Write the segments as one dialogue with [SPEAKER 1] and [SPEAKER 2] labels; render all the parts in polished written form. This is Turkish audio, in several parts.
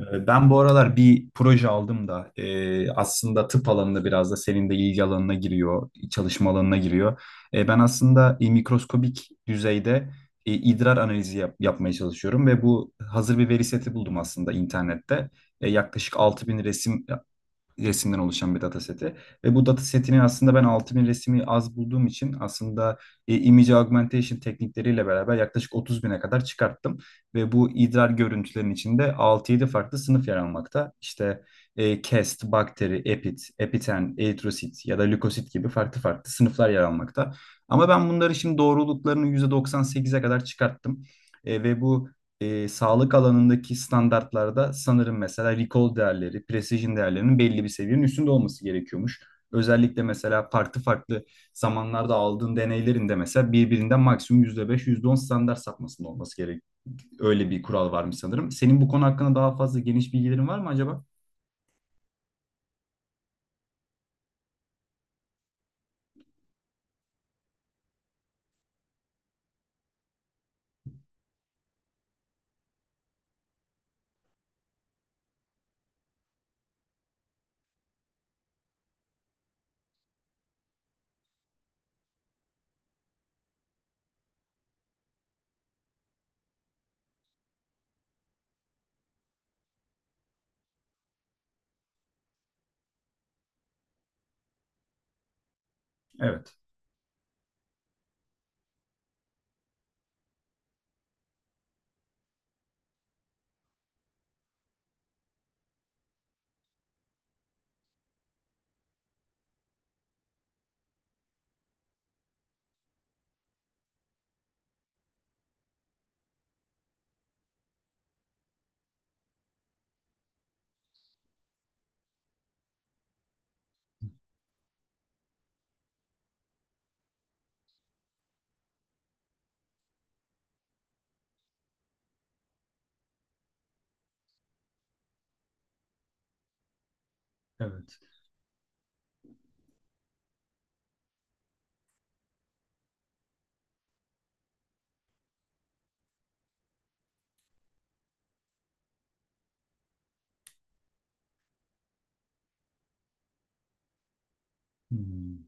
[SPEAKER 1] Ben bu aralar bir proje aldım da aslında tıp alanında biraz da senin de ilgi alanına giriyor, çalışma alanına giriyor. Ben aslında mikroskobik düzeyde idrar analizi yapmaya çalışıyorum ve bu hazır bir veri seti buldum aslında internette. Yaklaşık 6.000 resimden oluşan bir dataseti. Ve bu datasetini aslında ben 6.000 resmi az bulduğum için aslında image augmentation teknikleriyle beraber yaklaşık 30 bine kadar çıkarttım. Ve bu idrar görüntülerin içinde altı yedi farklı sınıf yer almakta. İşte cast, bakteri, epit, epiten, eritrosit ya da lökosit gibi farklı farklı sınıflar yer almakta. Ama ben bunları şimdi doğruluklarını %98'e kadar çıkarttım. Ve bu sağlık alanındaki standartlarda sanırım mesela recall değerleri, precision değerlerinin belli bir seviyenin üstünde olması gerekiyormuş. Özellikle mesela farklı farklı zamanlarda aldığın deneylerin de mesela birbirinden maksimum %5, yüzde on standart sapmasında olması gerek. Öyle bir kural varmış sanırım. Senin bu konu hakkında daha fazla geniş bilgilerin var mı acaba? Evet, evet. Hmm.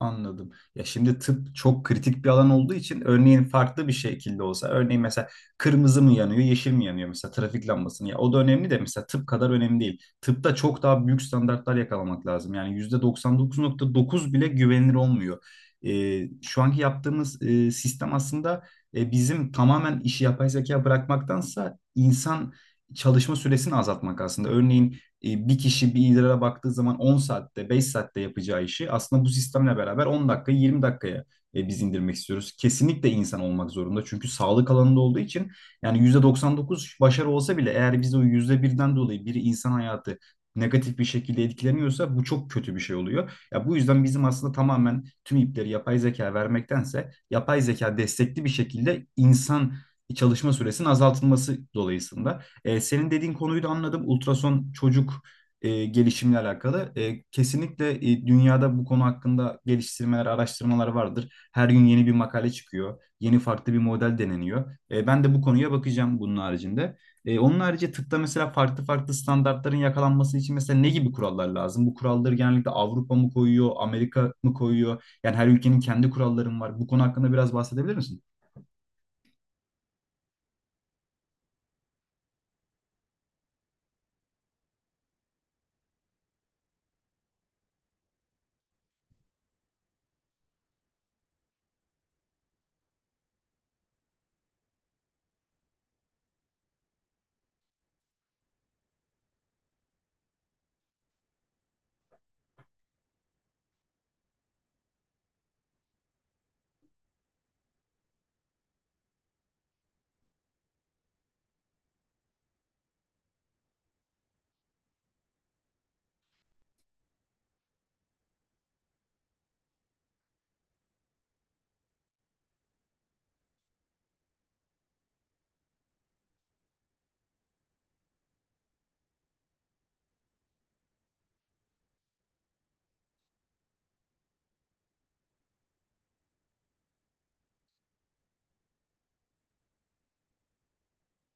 [SPEAKER 1] Anladım. Ya şimdi tıp çok kritik bir alan olduğu için örneğin farklı bir şekilde olsa örneğin mesela kırmızı mı yanıyor yeşil mi yanıyor mesela trafik lambasını ya o da önemli de mesela tıp kadar önemli değil. Tıpta çok daha büyük standartlar yakalamak lazım. Yani %99,9 bile güvenilir olmuyor. Şu anki yaptığımız sistem aslında bizim tamamen işi yapay zeka bırakmaktansa insan çalışma süresini azaltmak aslında. Örneğin bir kişi bir idrara baktığı zaman 10 saatte, 5 saatte yapacağı işi aslında bu sistemle beraber 10 dakika, 20 dakikaya biz indirmek istiyoruz. Kesinlikle insan olmak zorunda. Çünkü sağlık alanında olduğu için yani %99 başarı olsa bile eğer biz o %1'den dolayı biri insan hayatı negatif bir şekilde etkileniyorsa bu çok kötü bir şey oluyor. Ya bu yüzden bizim aslında tamamen tüm ipleri yapay zeka vermektense yapay zeka destekli bir şekilde insan çalışma süresinin azaltılması dolayısıyla. Senin dediğin konuyu da anladım. Ultrason çocuk gelişimle alakalı. Kesinlikle dünyada bu konu hakkında geliştirmeler, araştırmalar vardır. Her gün yeni bir makale çıkıyor. Yeni farklı bir model deneniyor. Ben de bu konuya bakacağım bunun haricinde. Onun harici tıpta mesela farklı farklı standartların yakalanması için mesela ne gibi kurallar lazım? Bu kuralları genellikle Avrupa mı koyuyor, Amerika mı koyuyor? Yani her ülkenin kendi kuralları mı var? Bu konu hakkında biraz bahsedebilir misin?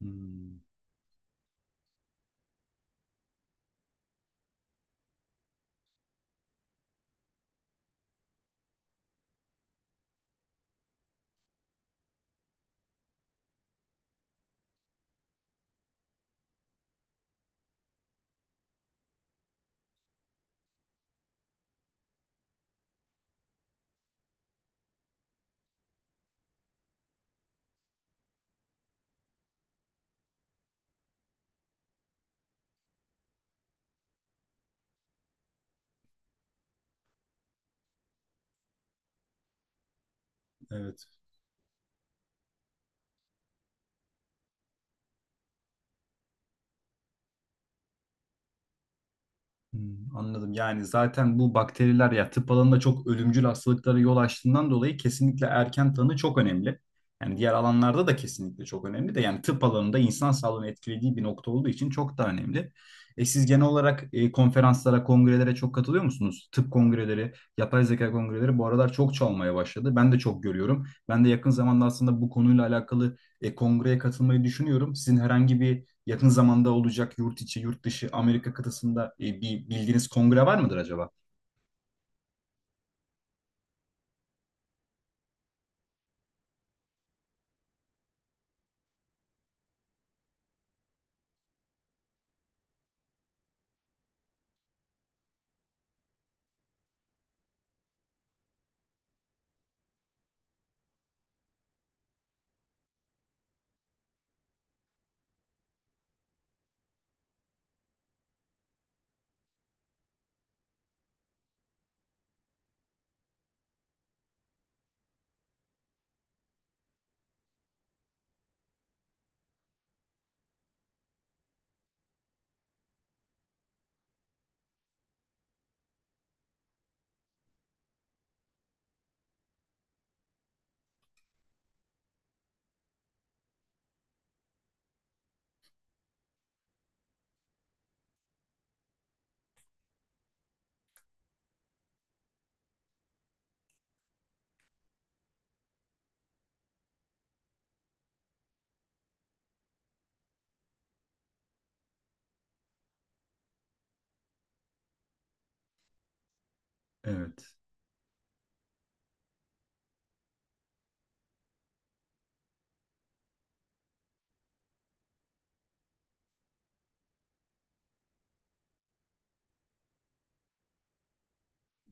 [SPEAKER 1] Hmm, evet. Hmm, anladım. Yani zaten bu bakteriler ya tıp alanında çok ölümcül hastalıklara yol açtığından dolayı kesinlikle erken tanı çok önemli. Yani diğer alanlarda da kesinlikle çok önemli de yani tıp alanında insan sağlığını etkilediği bir nokta olduğu için çok da önemli. Siz genel olarak konferanslara, kongrelere çok katılıyor musunuz? Tıp kongreleri, yapay zeka kongreleri bu aralar çok çalmaya başladı. Ben de çok görüyorum. Ben de yakın zamanda aslında bu konuyla alakalı kongreye katılmayı düşünüyorum. Sizin herhangi bir yakın zamanda olacak yurt içi, yurt dışı Amerika kıtasında bir bildiğiniz kongre var mıdır acaba? Evet.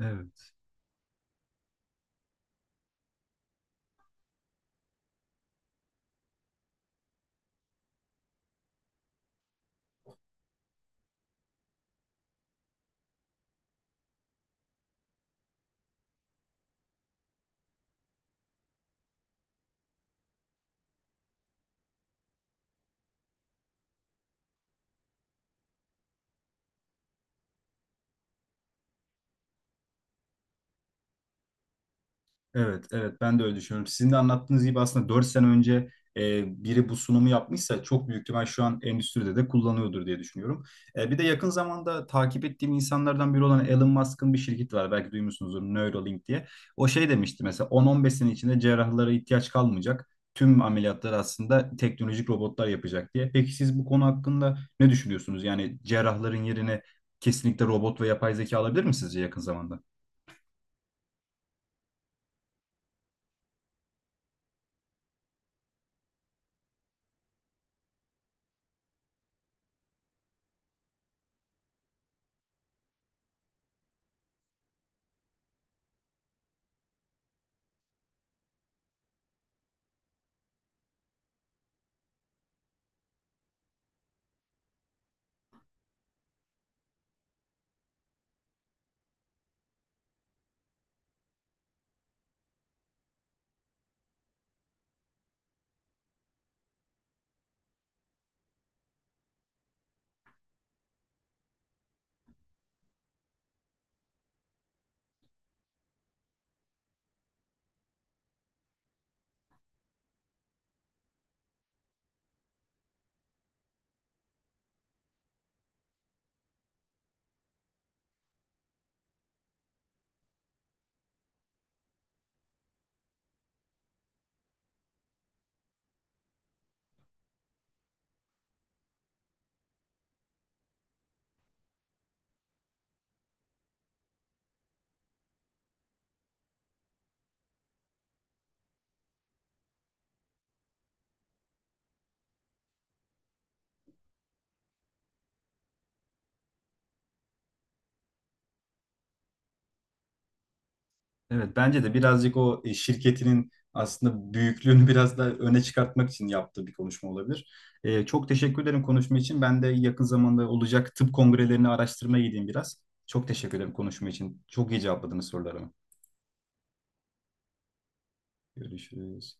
[SPEAKER 1] Evet. Evet, evet ben de öyle düşünüyorum. Sizin de anlattığınız gibi aslında 4 sene önce biri bu sunumu yapmışsa çok büyük ihtimal şu an endüstride de kullanıyordur diye düşünüyorum. Bir de yakın zamanda takip ettiğim insanlardan biri olan Elon Musk'ın bir şirketi var. Belki duymuşsunuzdur Neuralink diye. O şey demişti mesela 10-15 sene içinde cerrahlara ihtiyaç kalmayacak. Tüm ameliyatları aslında teknolojik robotlar yapacak diye. Peki siz bu konu hakkında ne düşünüyorsunuz? Yani cerrahların yerine kesinlikle robot ve yapay zeka alabilir mi sizce yakın zamanda? Evet bence de birazcık o şirketinin aslında büyüklüğünü biraz da öne çıkartmak için yaptığı bir konuşma olabilir. Çok teşekkür ederim konuşma için. Ben de yakın zamanda olacak tıp kongrelerini araştırmaya gideyim biraz. Çok teşekkür ederim konuşma için. Çok iyi cevapladınız sorularımı. Görüşürüz.